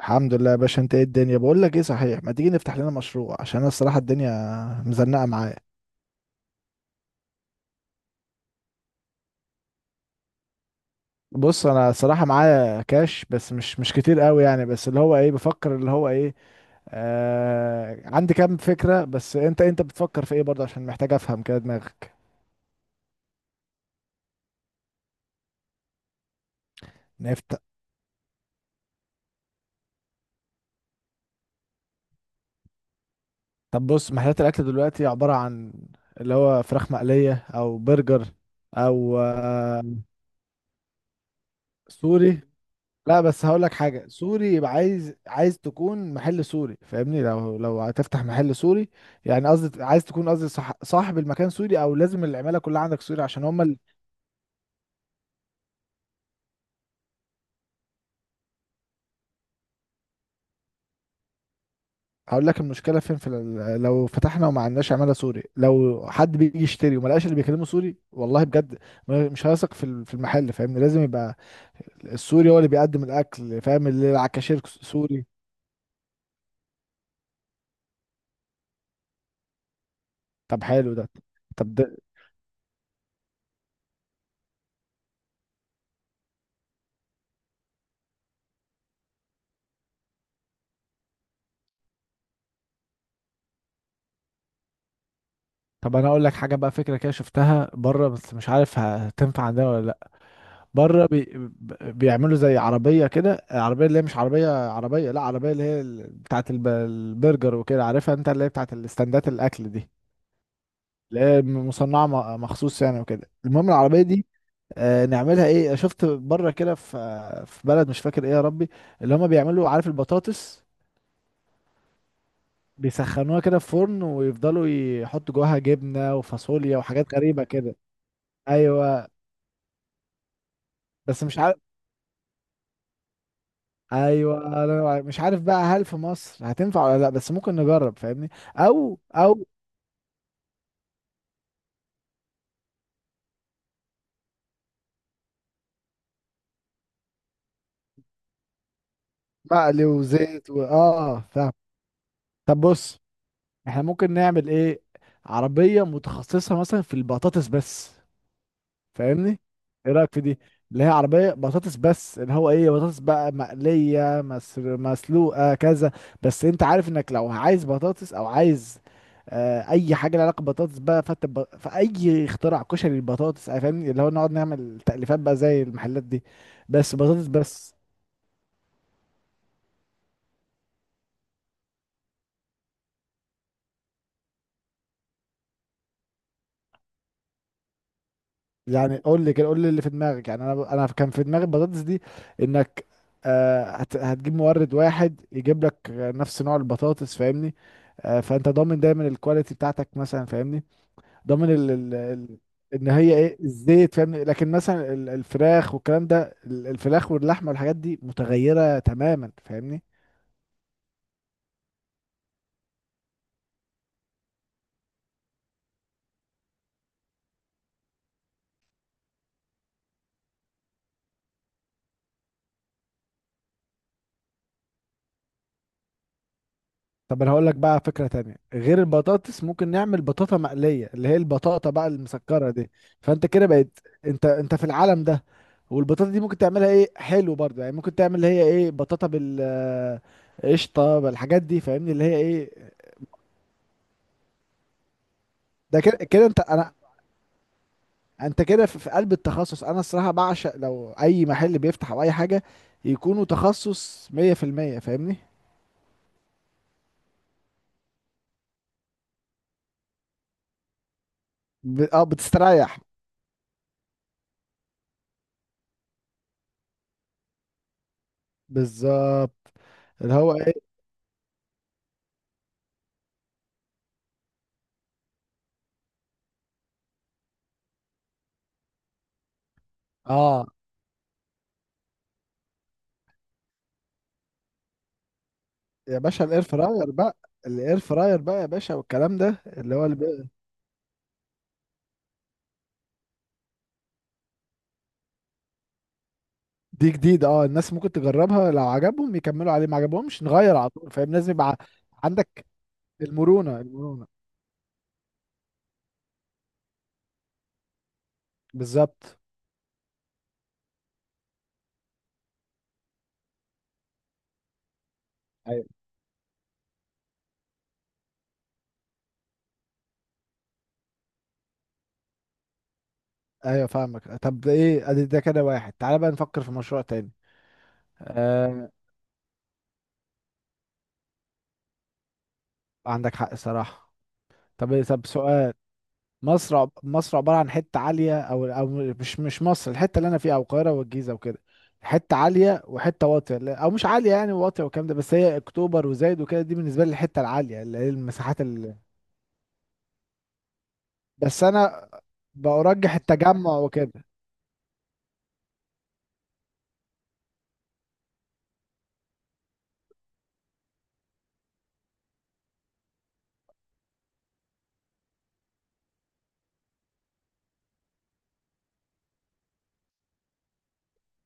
الحمد لله يا باشا، انت ايه الدنيا؟ بقول لك ايه، صحيح ما تيجي نفتح لنا مشروع عشان انا الصراحه الدنيا مزنقه معايا. بص انا الصراحه معايا كاش بس مش كتير قوي، يعني بس اللي هو ايه بفكر اللي هو ايه. عندي كام فكره بس انت بتفكر في ايه برضه؟ عشان محتاج افهم كده دماغك. نفتح. طب بص محلات الاكل دلوقتي عباره عن اللي هو فراخ مقليه او برجر او سوري. لا بس هقول لك حاجه، سوري يبقى عايز عايز تكون محل سوري، فاهمني؟ لو هتفتح محل سوري يعني قصدي عايز تكون قصدي صح صاحب المكان سوري، او لازم العماله كلها عندك سوري عشان هم ال... هقول لك المشكله فين، في لو فتحنا وما عندناش عماله سوري، لو حد بيجي يشتري وما لقاش اللي بيكلمه سوري، والله بجد مش هيثق في في المحل، فاهمني؟ لازم يبقى السوري هو اللي بيقدم الاكل، فاهم؟ اللي على الكاشير سوري. طب حلو ده. طب، طب انا اقول لك حاجه بقى فكره كده شفتها بره بس مش عارف هتنفع عندنا ولا لا. بره بيعملوا زي عربيه كده، العربيه اللي هي مش عربيه عربيه، لا عربيه اللي هي بتاعه البرجر وكده، عارفها انت اللي هي بتاعه الاستندات الاكل دي، اللي هي مصنعه مخصوص يعني وكده. المهم العربيه دي نعملها ايه، شفت بره كده في في بلد مش فاكر ايه يا ربي، اللي هما بيعملوا عارف البطاطس بيسخنوها كده في فرن، ويفضلوا يحطوا جواها جبنه وفاصوليا وحاجات غريبه كده. ايوه، بس مش عارف. ايوه انا مش عارف بقى هل في مصر هتنفع ولا لا، بس ممكن نجرب فاهمني، او او مقلي وزيت و... اه فاهم. طب بص احنا ممكن نعمل ايه، عربية متخصصة مثلا في البطاطس بس، فاهمني؟ ايه رايك في دي، اللي هي عربيه بطاطس بس، اللي هو ايه بطاطس بقى مقليه مسر مسلوقه كذا. بس انت عارف انك لو عايز بطاطس او عايز اي حاجه لها علاقه ببطاطس بقى، فانت فاي اختراع كشري البطاطس فاهمني، اللي هو نقعد نعمل تأليفات بقى زي المحلات دي، بس بطاطس بس. يعني قول لي كده، قول لي اللي في دماغك. يعني انا كان في دماغي البطاطس دي، انك هتجيب مورد واحد يجيب لك نفس نوع البطاطس فاهمني، فانت ضامن دايما الكواليتي بتاعتك مثلا فاهمني. ضامن ال ان هي ايه الزيت فاهمني، لكن مثلا الفراخ والكلام ده الفراخ واللحمه والحاجات دي متغيره تماما فاهمني. طب انا هقول لك بقى فكرة تانية غير البطاطس، ممكن نعمل بطاطا مقلية، اللي هي البطاطا بقى المسكرة دي، فانت كده بقت انت في العالم ده. والبطاطا دي ممكن تعملها ايه، حلو برضه يعني، ممكن تعمل اللي هي ايه بطاطا بال قشطة بالحاجات دي فاهمني، اللي هي ايه. ده كده كده انت انا، انت كده في في قلب التخصص، انا الصراحة بعشق لو اي محل بيفتح او اي حاجة يكونوا تخصص 100%، فاهمني؟ بتستريح. بالظبط. اللي هو ايه، اه يا باشا الاير فراير بقى، الاير فراير بقى يا باشا، والكلام ده اللي هو دي جديد، اه الناس ممكن تجربها، لو عجبهم يكملوا عليه، ما عجبهمش نغير على طول، فاهم؟ لازم يبقى عندك المرونة. بالظبط، ايوه. ايوه فاهمك. طب ده ايه، ادي ده كده واحد. تعالى بقى نفكر في مشروع تاني. آه عندك حق صراحة. طب طب سؤال، مصر مصر عبارة عن حتة عالية أو أو مش مصر الحتة اللي أنا فيها أو القاهرة والجيزة وكده، حتة عالية وحتة واطية أو مش عالية يعني واطية والكلام ده، بس هي أكتوبر وزايد وكده دي بالنسبة لي الحتة العالية اللي هي المساحات اللي، بس أنا برجح التجمع وكده.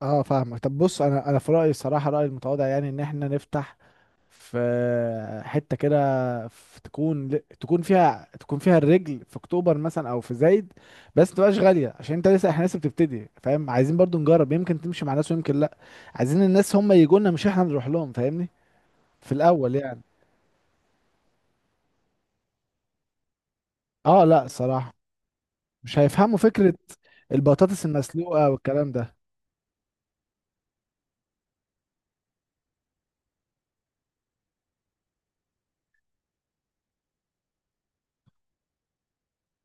أه فاهمك. طب بص أنا أنا في رأيي الصراحة رأيي المتواضع يعني إن إحنا نفتح في حتة كده، في تكون، تكون فيها تكون فيها الرجل في اكتوبر مثلا او في زايد، بس متبقاش غالية عشان انت لسه، احنا لسه بتبتدي فاهم، عايزين برضو نجرب يمكن تمشي مع ناس ويمكن لا. عايزين الناس هم يجوا لنا مش احنا نروح لهم فاهمني، في الاول يعني. اه لا الصراحة مش هيفهموا فكرة البطاطس المسلوقة والكلام ده.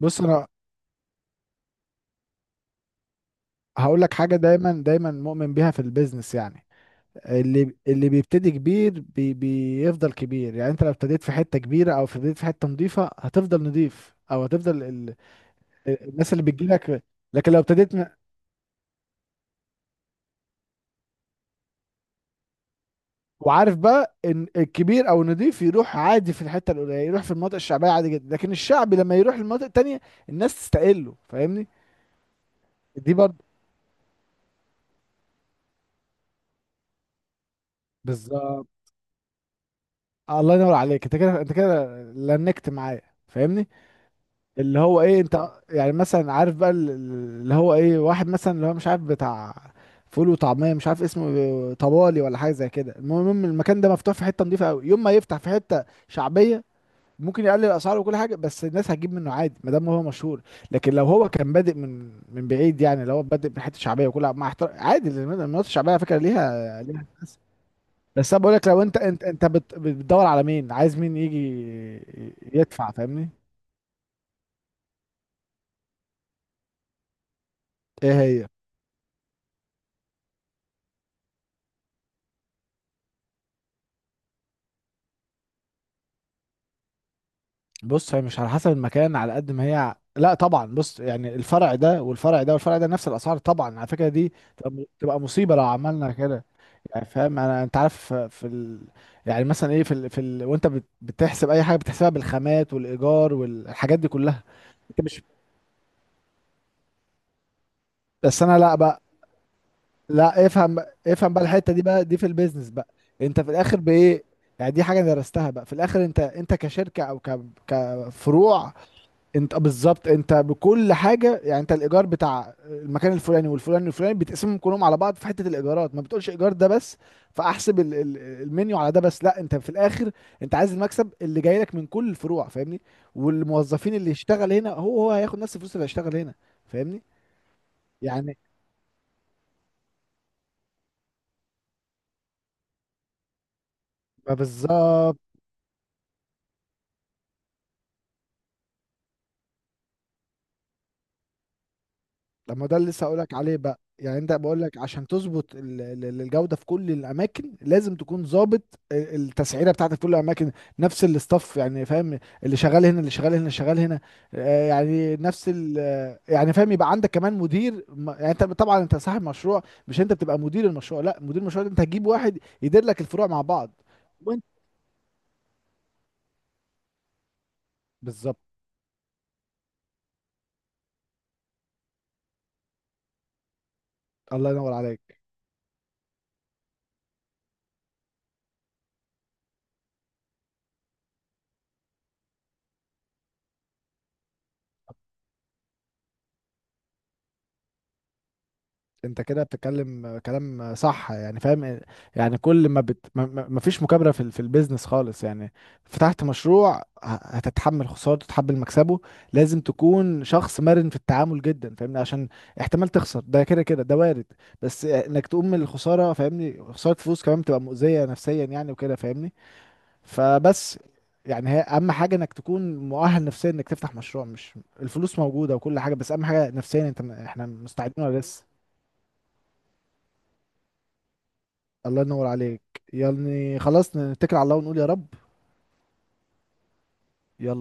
بص انا هقول لك حاجة دايما دايما مؤمن بيها في البيزنس يعني، اللي اللي بيبتدي كبير بي بيفضل كبير، يعني انت لو ابتديت في حته كبيره او ابتديت في حته نظيفه هتفضل نظيف او هتفضل ال... الناس اللي بتجيلك. لكن لو ابتديت وعارف بقى ان الكبير او النظيف يروح عادي في الحته القليله، يروح في المناطق الشعبيه عادي جدا، لكن الشعبي لما يروح المناطق التانيه الناس تستقله فاهمني. دي برضه بالظبط. الله ينور عليك، انت كده انت كده لنكت معايا، فاهمني؟ اللي هو ايه انت يعني مثلا عارف بقى اللي هو ايه واحد مثلا اللي هو مش عارف بتاع فول وطعميه مش عارف اسمه إيه، طبالي ولا حاجه زي كده، المهم المكان ده مفتوح في حته نظيفه قوي، يوم ما يفتح في حته شعبيه ممكن يقلل الاسعار وكل حاجه، بس الناس هتجيب منه عادي ما دام هو مشهور. لكن لو هو كان بادئ من بعيد، يعني لو هو بادئ من حته شعبيه، وكل مع احترام عادي لأن المناطق الشعبيه على فكره ليها ليها ناس. بس انا بقول لك لو انت بتدور على مين عايز مين يجي يدفع فاهمني. ايه هي. بص هي مش على حسب المكان على قد ما هي لا طبعا، بص يعني الفرع ده والفرع ده والفرع ده نفس الاسعار، طبعا على فكره دي تبقى مصيبه لو عملنا كده. يعني فاهم انا، انت عارف في ال... يعني مثلا ايه في ال... في ال... وانت بتحسب اي حاجه بتحسبها بالخامات والايجار والحاجات دي كلها، انت مش بس انا، لا بقى لا افهم بقى، افهم بقى الحته دي بقى دي في البيزنس بقى، انت في الاخر بايه؟ يعني دي حاجه درستها بقى في الاخر، انت كشركه او كفروع، انت بالظبط انت بكل حاجه، يعني انت الايجار بتاع المكان الفلاني والفلاني والفلاني بتقسمهم كلهم على بعض في حته الايجارات، ما بتقولش ايجار ده بس فاحسب المنيو على ده بس، لا انت في الاخر انت عايز المكسب اللي جاي لك من كل الفروع فاهمني. والموظفين اللي يشتغل هنا هو هياخد نفس الفلوس اللي هيشتغل هنا فاهمني. يعني ما بالظبط، طب ما ده اللي لسه هقولك عليه بقى. يعني انت بقول لك عشان تظبط الجوده في كل الاماكن لازم تكون ظابط التسعيره بتاعتك في كل الاماكن. نفس الاستاف يعني فاهم، اللي شغال هنا اللي شغال هنا اللي شغال هنا، يعني نفس ال يعني فاهم، يبقى عندك كمان مدير يعني انت طبعا انت صاحب مشروع مش انت بتبقى مدير المشروع، لا مدير المشروع ده انت هتجيب واحد يدير لك الفروع مع بعض. وانت بالظبط. الله ينور عليك. انت كده بتتكلم كلام صح يعني فاهم، يعني كل ما بت ما فيش مكابرة في في البيزنس خالص يعني، فتحت مشروع هتتحمل خسارته تتحمل مكسبه، لازم تكون شخص مرن في التعامل جدا فاهمني، عشان احتمال تخسر ده كده كده ده وارد، بس انك تقوم من الخسارة فاهمني، خسارة فلوس كمان بتبقى مؤذية نفسيا يعني وكده فاهمني. فبس يعني هي اهم حاجة انك تكون مؤهل نفسيا انك تفتح مشروع، مش الفلوس موجودة وكل حاجة، بس اهم حاجة نفسيا انت احنا مستعدين ولا لسه. الله ينور عليك. يعني خلاص نتكل على الله ونقول يا رب. يلا.